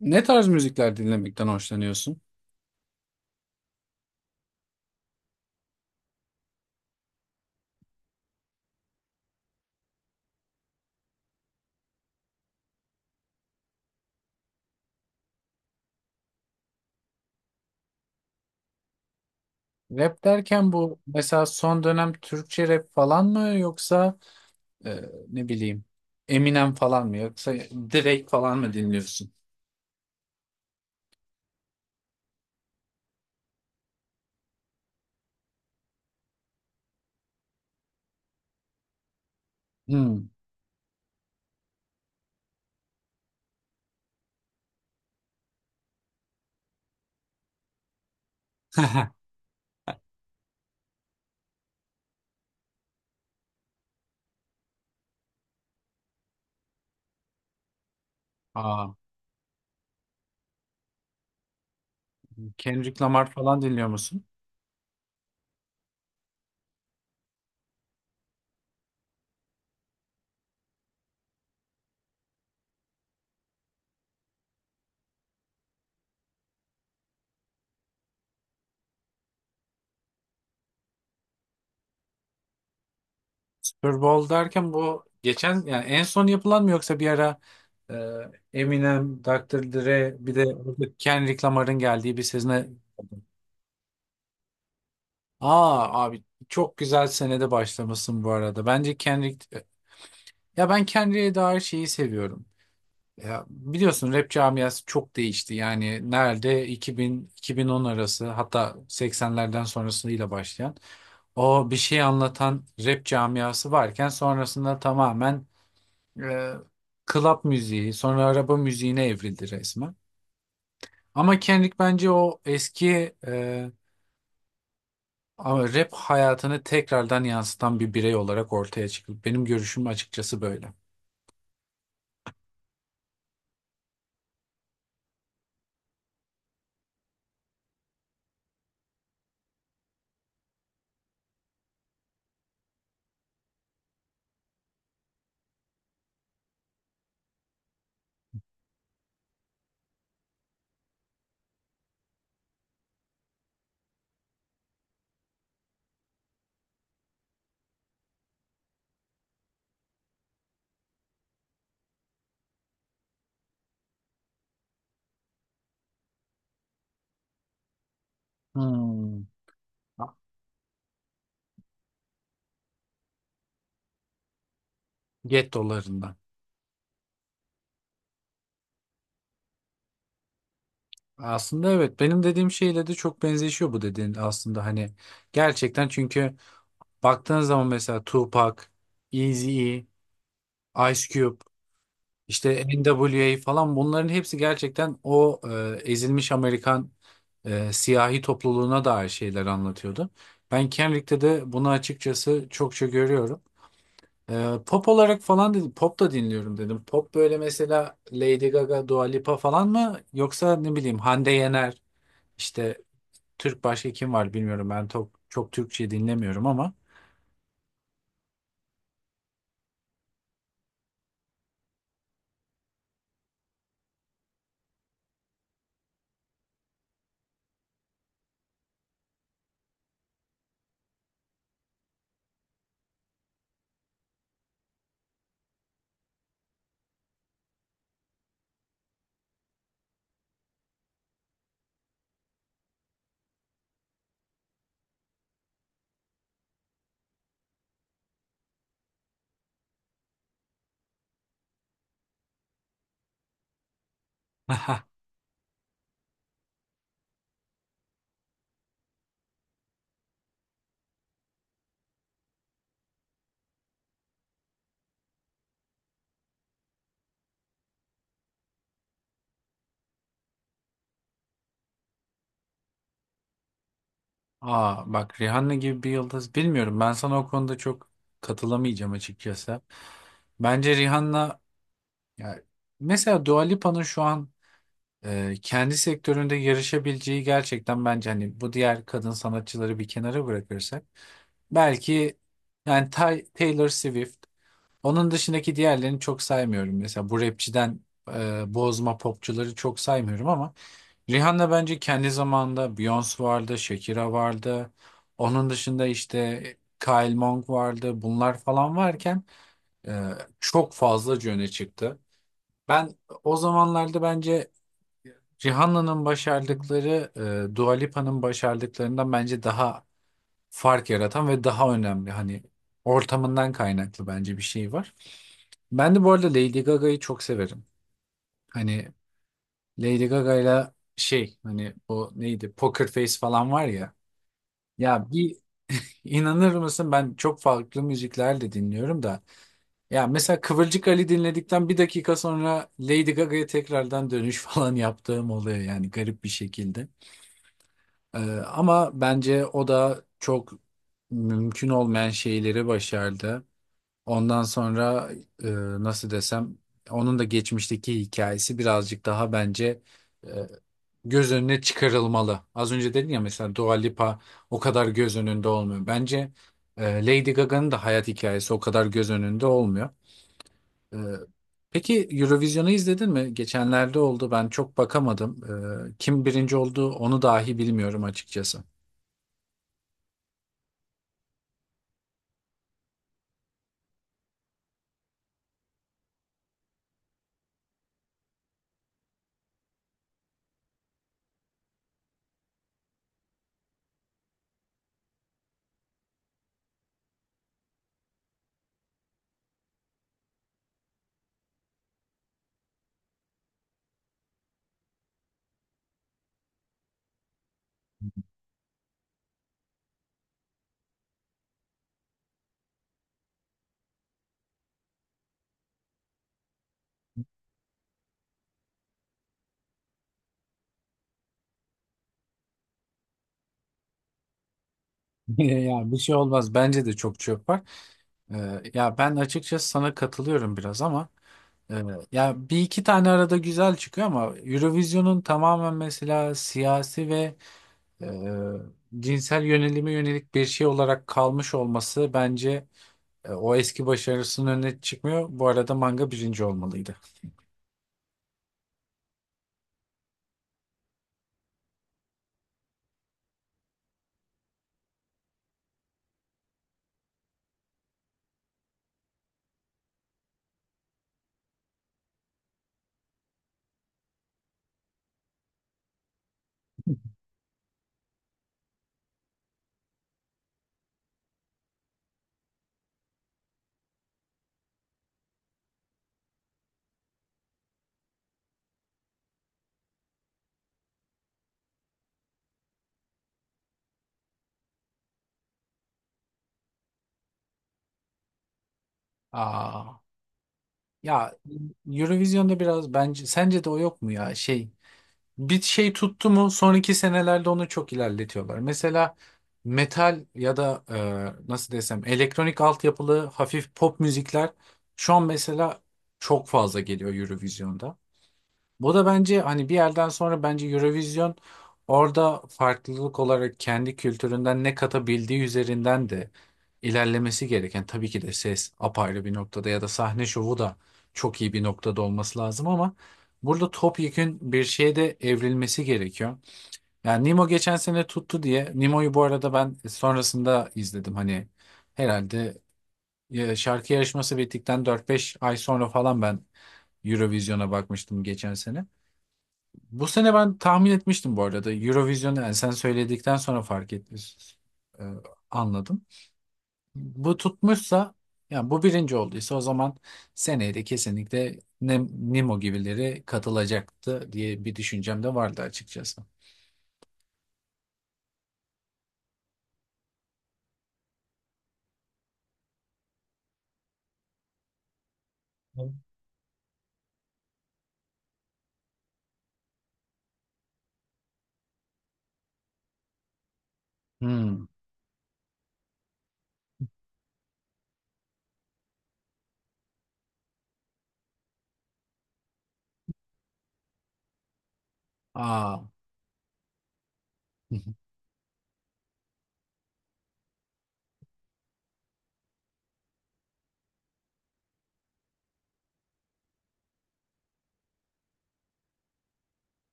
Ne tarz müzikler dinlemekten hoşlanıyorsun? Rap derken bu mesela son dönem Türkçe rap falan mı yoksa e, ne bileyim Eminem falan mı yoksa Drake falan mı dinliyorsun? Hmm. Aa, Kendrick Lamar falan dinliyor musun? Super Bowl derken bu geçen yani en son yapılan mı yoksa bir ara e, Eminem, Dr. Dre bir de orada Kendrick Lamar'ın geldiği bir sezone. Aa abi, çok güzel senede başlamışsın bu arada. Bence Kendrick. Ya, ben kendine dair şeyi seviyorum. Ya, biliyorsun rap camiası çok değişti. Yani nerede 2000-2010 arası, hatta 80'lerden sonrasıyla başlayan o bir şey anlatan rap camiası varken, sonrasında tamamen e, club müziği, sonra araba müziğine evrildi resmen. Ama Kendrick bence o eski, ama rap hayatını tekrardan yansıtan bir birey olarak ortaya çıktı. Benim görüşüm açıkçası böyle. Hmm. Get dolarından. Aslında evet, benim dediğim şeyle de çok benzeşiyor bu dediğin aslında, hani gerçekten, çünkü baktığın zaman mesela Tupac, Eazy-E, Ice Cube, işte NWA falan, bunların hepsi gerçekten o ezilmiş Amerikan siyahi topluluğuna dair şeyler anlatıyordu. Ben Kendrick'te de bunu açıkçası çokça görüyorum. E, pop olarak falan dedim, pop da dinliyorum dedim. Pop böyle mesela Lady Gaga, Dua Lipa falan mı, yoksa ne bileyim Hande Yener, işte Türk başka kim var bilmiyorum. Ben çok Türkçe dinlemiyorum ama. Aa bak, Rihanna gibi bir yıldız, bilmiyorum. Ben sana o konuda çok katılamayacağım açıkçası. Bence Rihanna, ya, mesela Dua Lipa'nın şu an kendi sektöründe yarışabileceği gerçekten bence, hani bu diğer kadın sanatçıları bir kenara bırakırsak, belki yani Taylor Swift. Onun dışındaki diğerlerini çok saymıyorum. Mesela bu rapçiden bozma popçuları çok saymıyorum, ama Rihanna bence kendi zamanında Beyoncé vardı, Shakira vardı. Onun dışında işte Kyle Monk vardı. Bunlar falan varken e, çok fazlaca öne çıktı. Ben o zamanlarda bence Rihanna'nın başardıkları Dua Lipa'nın başardıklarından bence daha fark yaratan ve daha önemli, hani ortamından kaynaklı bence bir şey var. Ben de bu arada Lady Gaga'yı çok severim. Hani Lady Gaga'yla şey, hani o neydi, Poker Face falan var ya. Ya bir, inanır mısın, ben çok farklı müzikler de dinliyorum da. Ya mesela Kıvırcık Ali dinledikten bir dakika sonra Lady Gaga'ya tekrardan dönüş falan yaptığım oluyor, yani garip bir şekilde. Ama bence o da çok mümkün olmayan şeyleri başardı. Ondan sonra, e, nasıl desem, onun da geçmişteki hikayesi birazcık daha bence e, göz önüne çıkarılmalı. Az önce dedin ya, mesela Dua Lipa o kadar göz önünde olmuyor. Bence Lady Gaga'nın da hayat hikayesi o kadar göz önünde olmuyor. E, peki Eurovision'u izledin mi? Geçenlerde oldu, ben çok bakamadım. E, kim birinci oldu onu dahi bilmiyorum açıkçası. Ya bir şey olmaz, bence de çok çöp var. E, ya ben açıkçası sana katılıyorum biraz ama. Evet. Ya bir iki tane arada güzel çıkıyor, ama Eurovision'un tamamen mesela siyasi ve e, cinsel yönelime yönelik bir şey olarak kalmış olması bence, o eski başarısının önüne çıkmıyor. Bu arada manga birinci olmalıydı. Aa, ya, Eurovision'da biraz bence sence de o yok mu ya, şey, bir şey tuttu mu sonraki senelerde onu çok ilerletiyorlar. Mesela metal ya da nasıl desem elektronik altyapılı hafif pop müzikler şu an mesela çok fazla geliyor Eurovision'da. Bu da bence hani bir yerden sonra bence Eurovision orada farklılık olarak kendi kültüründen ne katabildiği üzerinden de ilerlemesi gereken, tabii ki de ses apayrı bir noktada ya da sahne şovu da çok iyi bir noktada olması lazım, ama burada topyekün bir şeye de evrilmesi gerekiyor. Yani Nemo geçen sene tuttu diye, Nemo'yu bu arada ben sonrasında izledim hani, herhalde ya şarkı yarışması bittikten 4-5 ay sonra falan ben Eurovision'a bakmıştım geçen sene. Bu sene ben tahmin etmiştim bu arada Eurovision'u, yani sen söyledikten sonra fark ettim. e, Anladım. Bu tutmuşsa, yani bu birinci olduysa, o zaman seneye de kesinlikle Nemo gibileri katılacaktı diye bir düşüncem de vardı açıkçası. Hmm. Aa.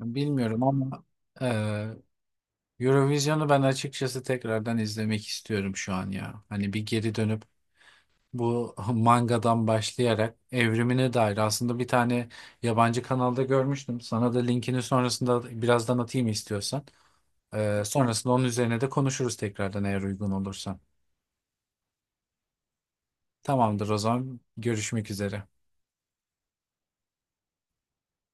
Bilmiyorum ama e, Eurovision'u ben açıkçası tekrardan izlemek istiyorum şu an ya. Hani bir geri dönüp, bu mangadan başlayarak evrimine dair aslında bir tane yabancı kanalda görmüştüm. Sana da linkini sonrasında birazdan atayım istiyorsan. Sonrasında onun üzerine de konuşuruz tekrardan eğer uygun olursan. Tamamdır, o zaman görüşmek üzere.